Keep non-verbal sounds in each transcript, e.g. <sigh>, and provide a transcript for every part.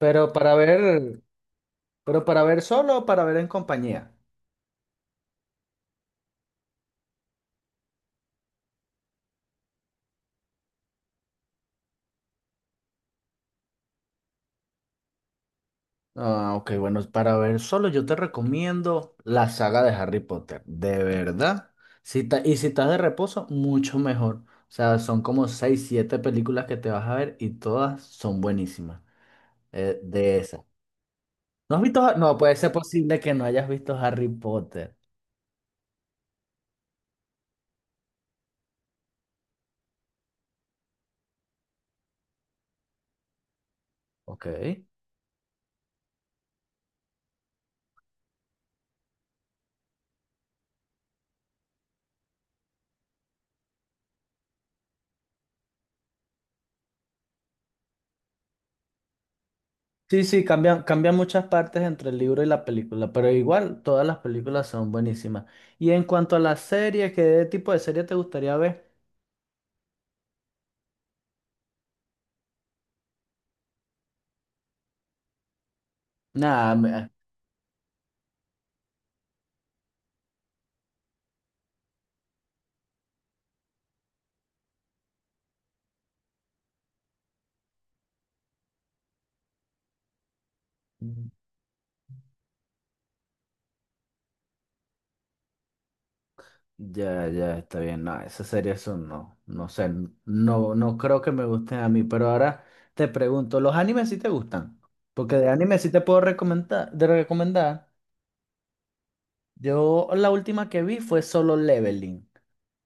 Pero para ver, pero para ver solo o para ver en compañía. Ah, ok, bueno, para ver solo yo te recomiendo la saga de Harry Potter, de verdad. Y si estás de reposo, mucho mejor. O sea, son como 6 7 películas que te vas a ver y todas son buenísimas. De esas. ¿No has visto? No, puede ser posible que no hayas visto Harry Potter. Ok. Sí, sí, cambian muchas partes entre el libro y la película, pero igual todas las películas son buenísimas. Y en cuanto a las series, ¿qué tipo de serie te gustaría ver? Nada, ya, ya está bien. No, esas series son no, no sé, no, no creo que me gusten a mí, pero ahora te pregunto, ¿los animes sí te gustan? Porque de anime sí te puedo recomendar, de recomendar. Yo la última que vi fue Solo Leveling.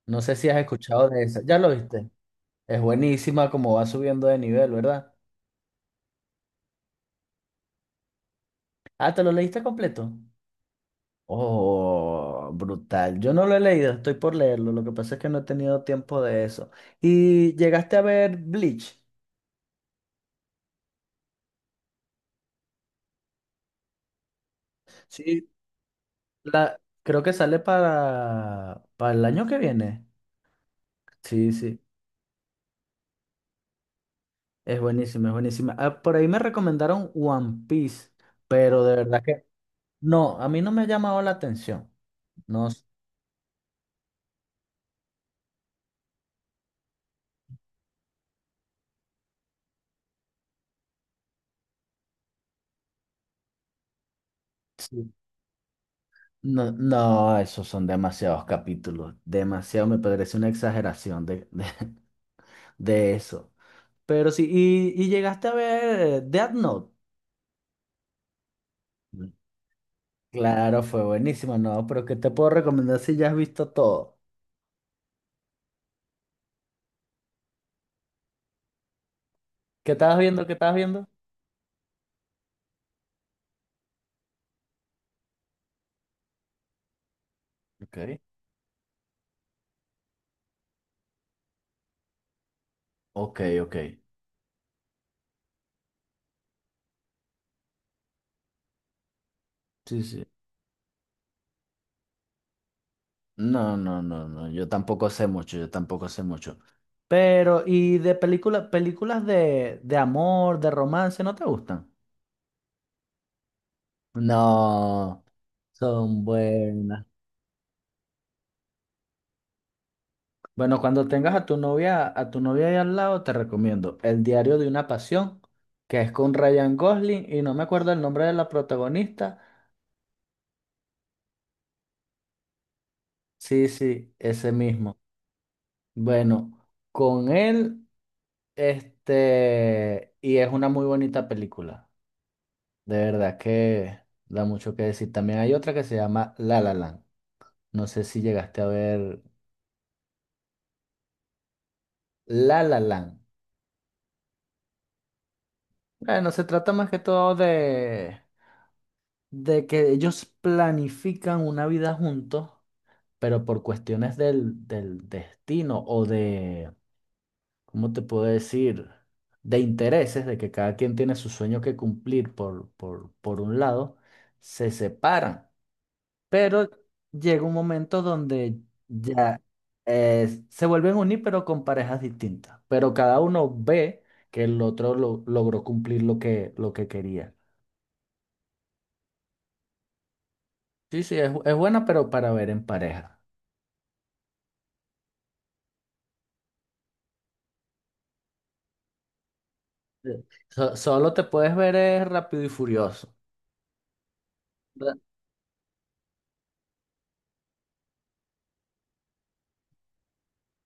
No sé si has escuchado de esa. ¿Ya lo viste? Es buenísima como va subiendo de nivel, ¿verdad? Ah, ¿te lo leíste completo? Oh, brutal. Yo no lo he leído, estoy por leerlo. Lo que pasa es que no he tenido tiempo de eso. ¿Y llegaste a ver Bleach? Sí, creo que sale para, el año que viene. Sí, sí, es buenísima, es buenísima. Ah, por ahí me recomendaron One Piece, pero de verdad que no, a mí no me ha llamado la atención. No, sí, no, no, esos son demasiados capítulos, demasiado, me parece una exageración de <laughs> de eso. Pero sí, y llegaste a ver Death Note. Mm. Claro, fue buenísimo, no, pero ¿qué te puedo recomendar si ya has visto todo? ¿Qué estabas viendo? ¿Qué estabas viendo? Ok, ok, ok. Sí, sí. No, no, no, no. Yo tampoco sé mucho, yo tampoco sé mucho. Pero, ¿y de películas, películas de amor, de romance, no te gustan? No, son buenas. Bueno, cuando tengas a tu novia ahí al lado, te recomiendo El diario de una pasión, que es con Ryan Gosling, y no me acuerdo el nombre de la protagonista. Sí, sí, ese mismo. Bueno, con él, y es una muy bonita película. De verdad que da mucho que decir. También hay otra que se llama La La Land. No sé si llegaste a ver La La Land. Bueno, se trata más que todo de, que ellos planifican una vida juntos pero por cuestiones del destino o de, ¿cómo te puedo decir? De intereses, de que cada quien tiene su sueño que cumplir por un lado, se separan. Pero llega un momento donde ya se vuelven a unir, pero con parejas distintas. Pero cada uno ve que el otro logró cumplir lo que, quería. Sí, sí, es buena, pero para ver en pareja. Sí. Solo te puedes ver es Rápido y Furioso.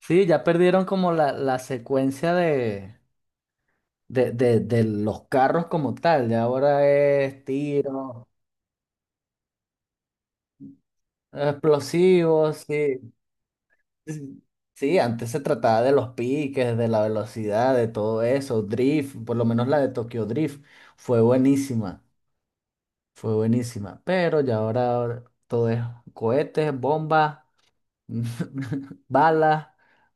Sí, ya perdieron como la, secuencia de los carros como tal. Ya ahora es tiros, explosivos, sí. Sí, sí, antes se trataba de los piques, de la velocidad, de todo eso, drift, por lo menos la de Tokyo Drift fue buenísima, fue buenísima. Pero ya ahora, ahora todo es cohetes, bombas, <laughs> balas,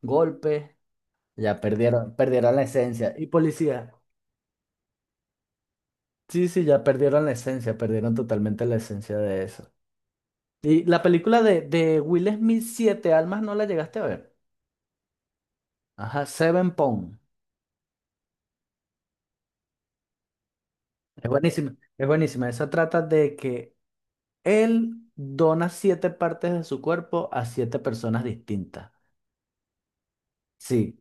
golpes. Ya perdieron, perdieron la esencia. Y policía. Sí, sí, ya perdieron la esencia, perdieron totalmente la esencia de eso. Y la película de, Will Smith, Siete Almas, ¿no la llegaste a ver? Ajá, Seven Pound. Es buenísima, es buenísima. Esa trata de que él dona siete partes de su cuerpo a siete personas distintas. Sí.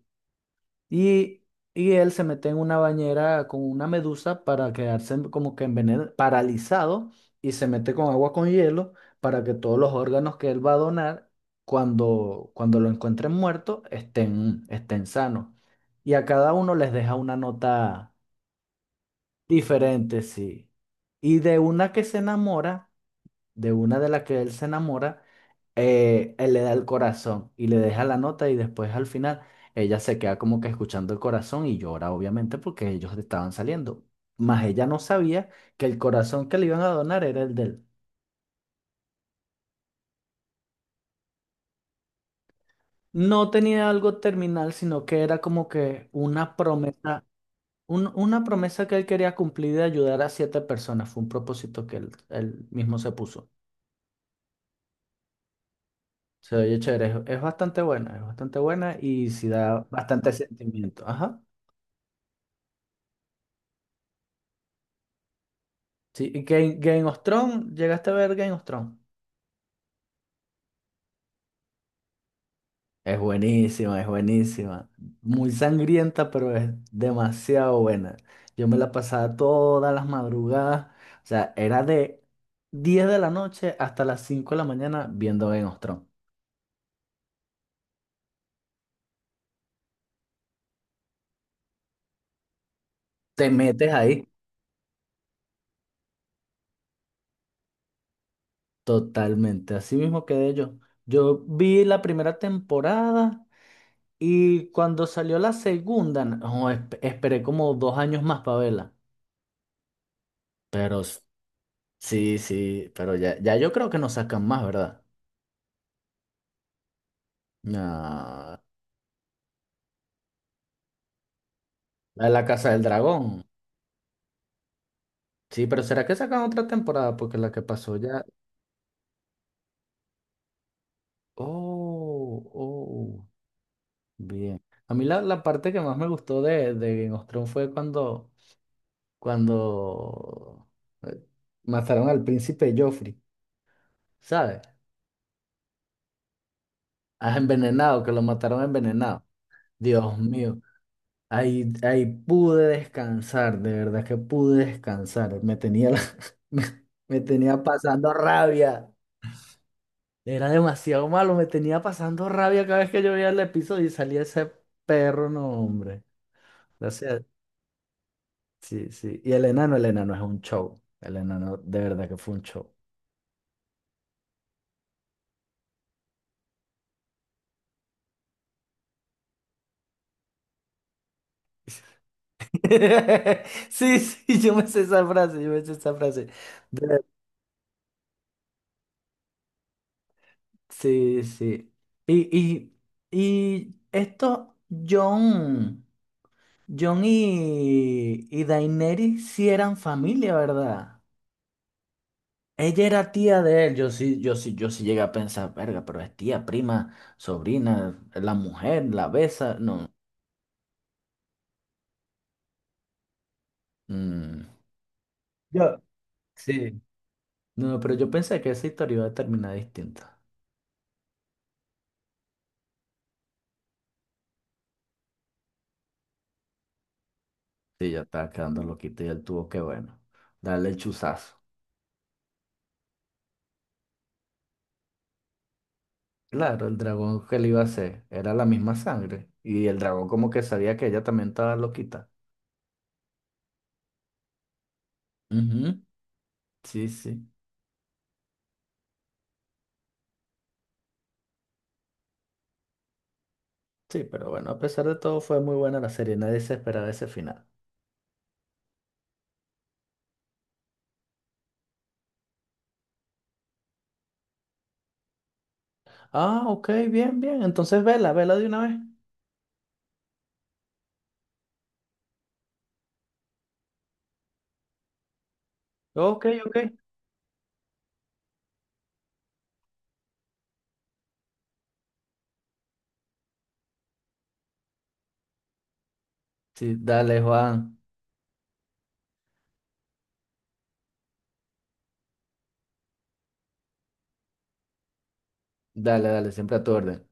Y, y él se mete en una bañera con una medusa para quedarse como que envenen paralizado, y se mete con agua con hielo para que todos los órganos que él va a donar, cuando, lo encuentren muerto, estén sanos. Y a cada uno les deja una nota diferente, sí. Y de una que se enamora de una de las que él se enamora, él le da el corazón y le deja la nota y después al final ella se queda como que escuchando el corazón y llora obviamente porque ellos estaban saliendo. Mas ella no sabía que el corazón que le iban a donar era el de él. No tenía algo terminal, sino que era como que una promesa, una promesa que él quería cumplir de ayudar a siete personas. Fue un propósito que él, mismo se puso. Se oye chévere, es bastante buena, es bastante buena y sí da bastante sentimiento. Ajá. Sí, y Game of Thrones, ¿llegaste a ver Game of Thrones? Es buenísima, es buenísima. Muy sangrienta, pero es demasiado buena. Yo me la pasaba todas las madrugadas. O sea, era de 10 de la noche hasta las 5 de la mañana viendo Game of Thrones. Te metes ahí totalmente. Así mismo quedé yo. Yo vi la primera temporada y cuando salió la segunda, no, esperé como 2 años más para verla. Pero sí, sí, pero ya, ya yo creo que no sacan más, ¿verdad? Ah, la de la Casa del Dragón. Sí, pero ¿será que sacan otra temporada? Porque la que pasó ya. Oh, oh, bien. A mí la, parte que más me gustó de, Game of Thrones fue cuando eh, mataron al príncipe Joffrey, ¿sabes? Ah, envenenado, que lo mataron envenenado. Dios mío. Ahí, ahí pude descansar, de verdad que pude descansar. Me tenía, <laughs> me, me tenía pasando rabia. Era demasiado malo, me tenía pasando rabia cada vez que yo veía el episodio y salía ese perro, no, hombre. Gracias. Sí, sí. Y el enano es un show. El enano, de verdad que fue un show. <laughs> Sí, sí, yo me sé esa frase, yo me sé esa frase. De- sí, sí. Y, y, y John. John y Daenerys sí eran familia, ¿verdad? Ella era tía de él. Yo sí, yo sí, yo sí llegué a pensar, verga, pero es tía, prima, sobrina, la mujer, la besa. No. mm, Yo, sí. No, no, pero yo pensé que esa historia iba a terminar distinta. Sí, ya estaba quedando loquito y él tuvo que, bueno, darle el chuzazo. Claro, el dragón que le iba a hacer era la misma sangre. Y el dragón como que sabía que ella también estaba loquita. Ujú, sí, sí. Sí, pero bueno, a pesar de todo fue muy buena la serie, nadie se esperaba ese final. Ah, ok, bien, bien, entonces vela, vela de una vez. Ok, ok. Sí, dale, Juan, dale, dale, siempre a tu orden.